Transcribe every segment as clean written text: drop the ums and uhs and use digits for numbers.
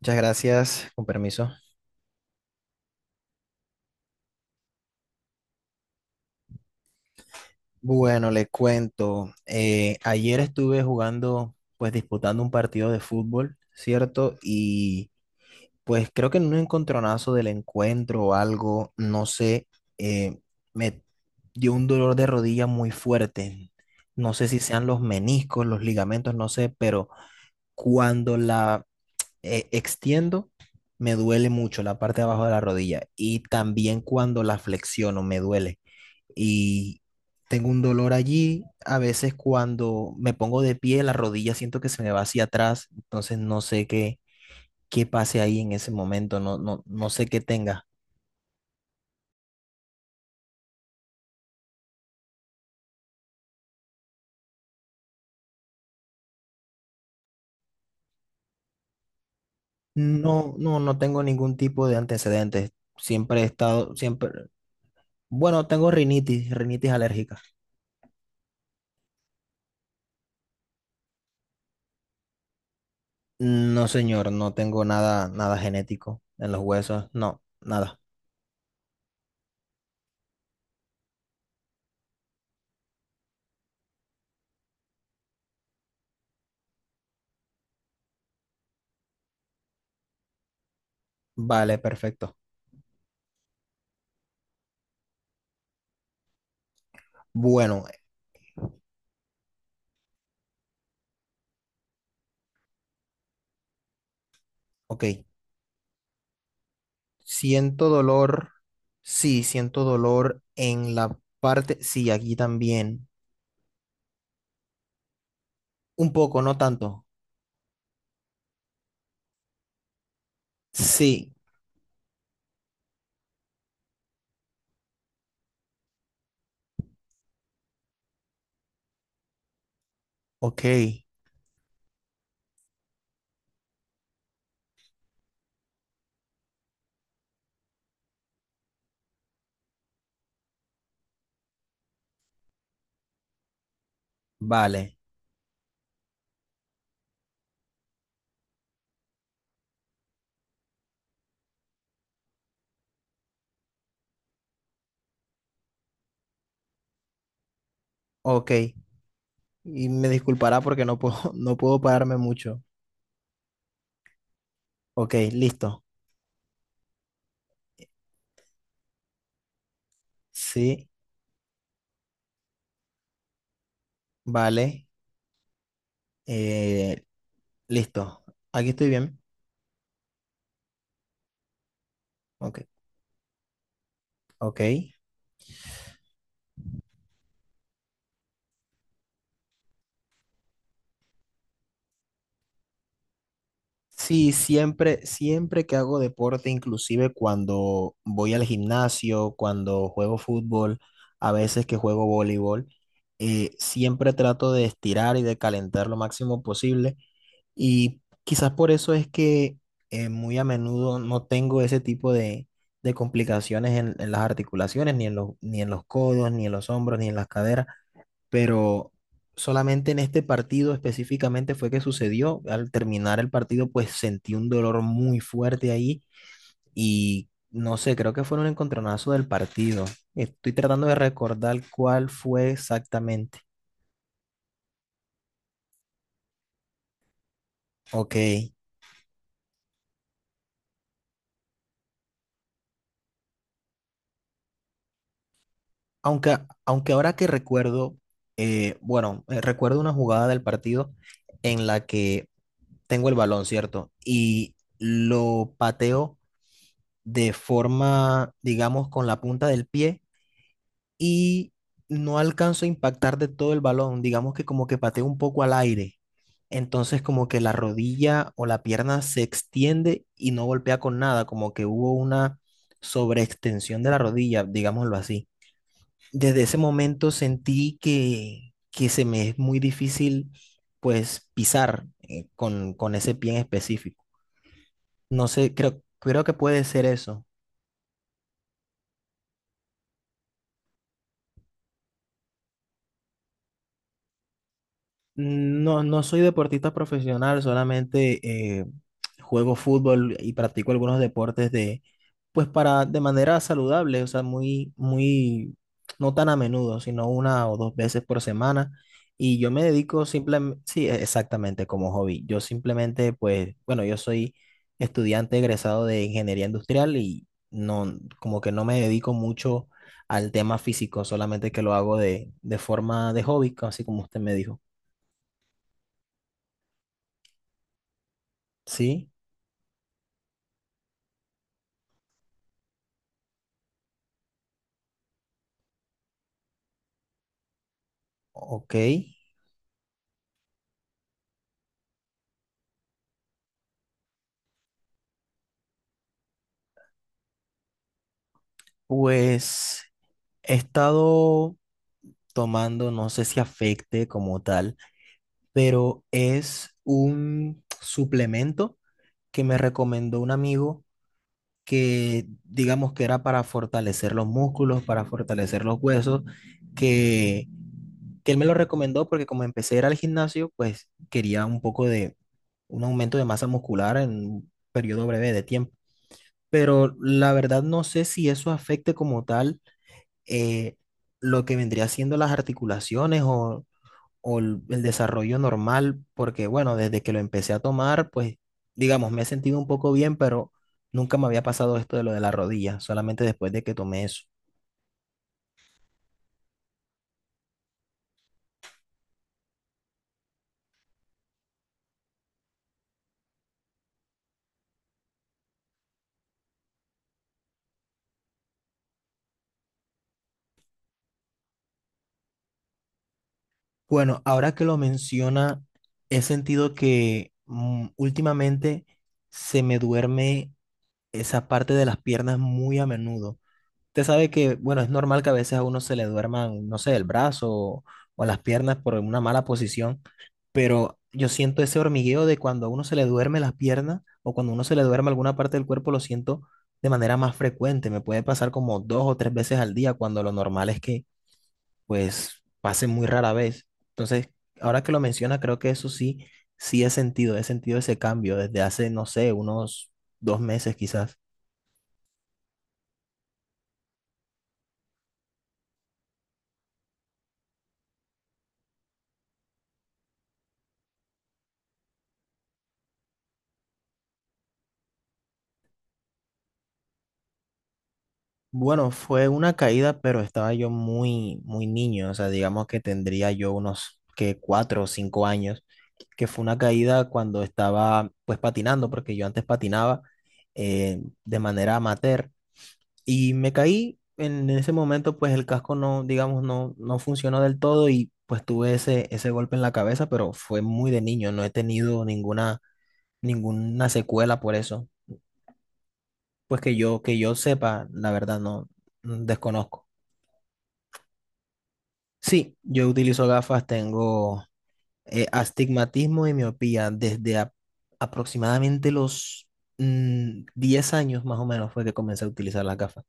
Muchas gracias, con permiso. Bueno, le cuento. Ayer estuve jugando, pues disputando un partido de fútbol, ¿cierto? Y pues creo que en un encontronazo del encuentro o algo, no sé, eh, me dio un dolor de rodilla muy fuerte. No sé si sean los meniscos, los ligamentos, no sé, pero cuando la extiendo, me duele mucho la parte de abajo de la rodilla. Y también cuando la flexiono, me duele. Y tengo un dolor allí. A veces cuando me pongo de pie, la rodilla siento que se me va hacia atrás, entonces no sé qué, qué pase ahí en ese momento, no, no, no sé qué tenga. No, no, no tengo ningún tipo de antecedentes. Siempre he estado, siempre, bueno, tengo rinitis, rinitis alérgica. No, señor, no tengo nada, nada genético en los huesos, no, nada. Vale, perfecto. Bueno, ok. Siento dolor, sí, siento dolor en la parte, sí, aquí también. Un poco, no tanto. Sí, ok, vale, ok. Y me disculpará porque no puedo, no puedo pararme mucho. Ok, listo. Sí, vale, eh, listo. Aquí estoy bien. Ok, ok. Sí, siempre, siempre que hago deporte, inclusive cuando voy al gimnasio, cuando juego fútbol, a veces que juego voleibol, siempre trato de estirar y de calentar lo máximo posible. Y quizás por eso es que muy a menudo no tengo ese tipo de complicaciones en las articulaciones, ni en los, ni en los codos, ni en los hombros, ni en las caderas, pero solamente en este partido específicamente fue que sucedió. Al terminar el partido, pues sentí un dolor muy fuerte ahí y no sé, creo que fue un encontronazo del partido. Estoy tratando de recordar cuál fue exactamente. Ok, aunque, aunque ahora que recuerdo, bueno, recuerdo una jugada del partido en la que tengo el balón, ¿cierto? Y lo pateo de forma, digamos, con la punta del pie y no alcanzo a impactar de todo el balón, digamos que como que pateo un poco al aire. Entonces como que la rodilla o la pierna se extiende y no golpea con nada, como que hubo una sobreextensión de la rodilla, digámoslo así. Desde ese momento sentí que se me es muy difícil pues pisar con ese pie en específico. No sé, creo, creo que puede ser eso. No, no soy deportista profesional, solamente juego fútbol y practico algunos deportes de, pues para, de manera saludable, o sea, muy, muy, no tan a menudo, sino una o dos veces por semana. Y yo me dedico simplemente, sí, e- exactamente como hobby. Yo simplemente, pues, bueno, yo soy estudiante egresado de ingeniería industrial y no, como que no me dedico mucho al tema físico, solamente que lo hago de forma de hobby, así como usted me dijo. Sí, ok. Pues he estado tomando, no sé si afecte como tal, pero es un suplemento que me recomendó un amigo que digamos que era para fortalecer los músculos, para fortalecer los huesos, que, que él me lo recomendó porque como empecé a ir al gimnasio, pues quería un poco de un aumento de masa muscular en un periodo breve de tiempo. Pero la verdad no sé si eso afecte como tal eh, lo que vendría siendo las articulaciones o el desarrollo normal, porque bueno, desde que lo empecé a tomar, pues digamos, me he sentido un poco bien, pero nunca me había pasado esto de lo de la rodilla, solamente después de que tomé eso. Bueno, ahora que lo menciona, he sentido que últimamente se me duerme esa parte de las piernas muy a menudo. Usted sabe que, bueno, es normal que a veces a uno se le duerman, no sé, el brazo o las piernas por una mala posición, pero yo siento ese hormigueo de cuando a uno se le duerme las piernas o cuando a uno se le duerme alguna parte del cuerpo, lo siento de manera más frecuente. Me puede pasar como dos o tres veces al día cuando lo normal es que, pues, pase muy rara vez. Entonces, ahora que lo menciona, creo que eso sí, sí he sentido ese cambio desde hace, no sé, unos 2 meses quizás. Bueno, fue una caída, pero estaba yo muy, muy niño, o sea, digamos que tendría yo unos que 4 o 5 años, que fue una caída cuando estaba pues patinando, porque yo antes patinaba de manera amateur y me caí en ese momento, pues el casco no, digamos, no, no funcionó del todo y pues tuve ese, ese golpe en la cabeza, pero fue muy de niño, no he tenido ninguna, ninguna secuela por eso, pues que yo sepa, la verdad, no, desconozco. Sí, yo utilizo gafas, tengo astigmatismo y miopía desde aproximadamente los 10 años más o menos fue que comencé a utilizar las gafas.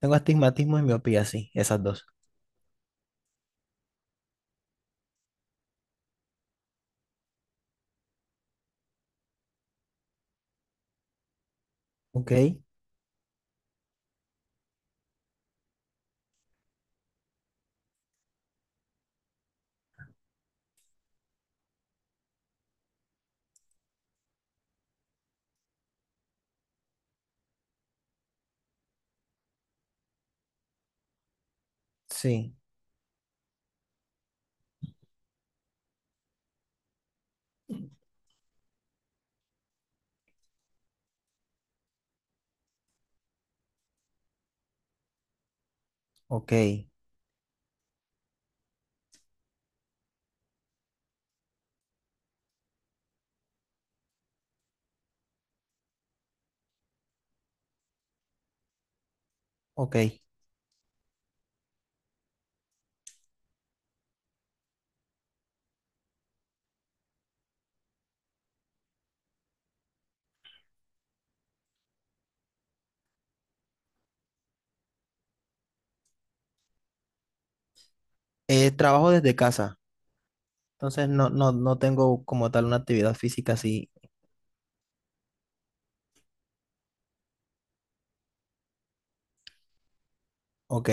Tengo astigmatismo y miopía, sí, esas dos. Ok, sí, ok, ok. Trabajo desde casa, entonces no, no, no tengo como tal una actividad física así. Ok,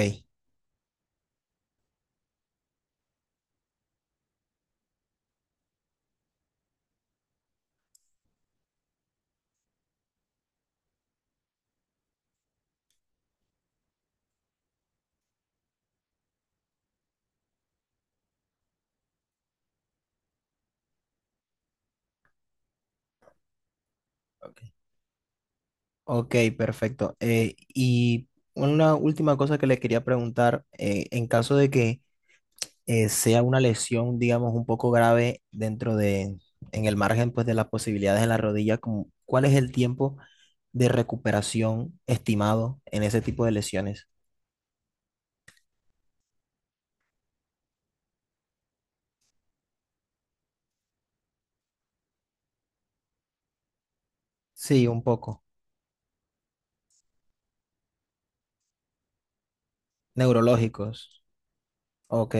ok. Ok, perfecto. Y una última cosa que le quería preguntar, en caso de que sea una lesión, digamos, un poco grave dentro de, en el margen, pues, de las posibilidades en la rodilla, como, ¿cuál es el tiempo de recuperación estimado en ese tipo de lesiones? Sí, un poco. Neurológicos. Ok,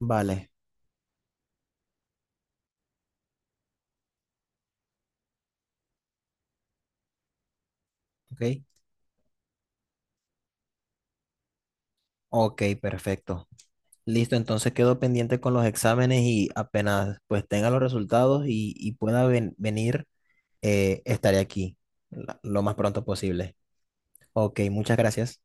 vale. Ok, ok, perfecto. Listo, entonces quedo pendiente con los exámenes y apenas pues tenga los resultados y pueda venir, estaré aquí lo más pronto posible. Ok, muchas gracias.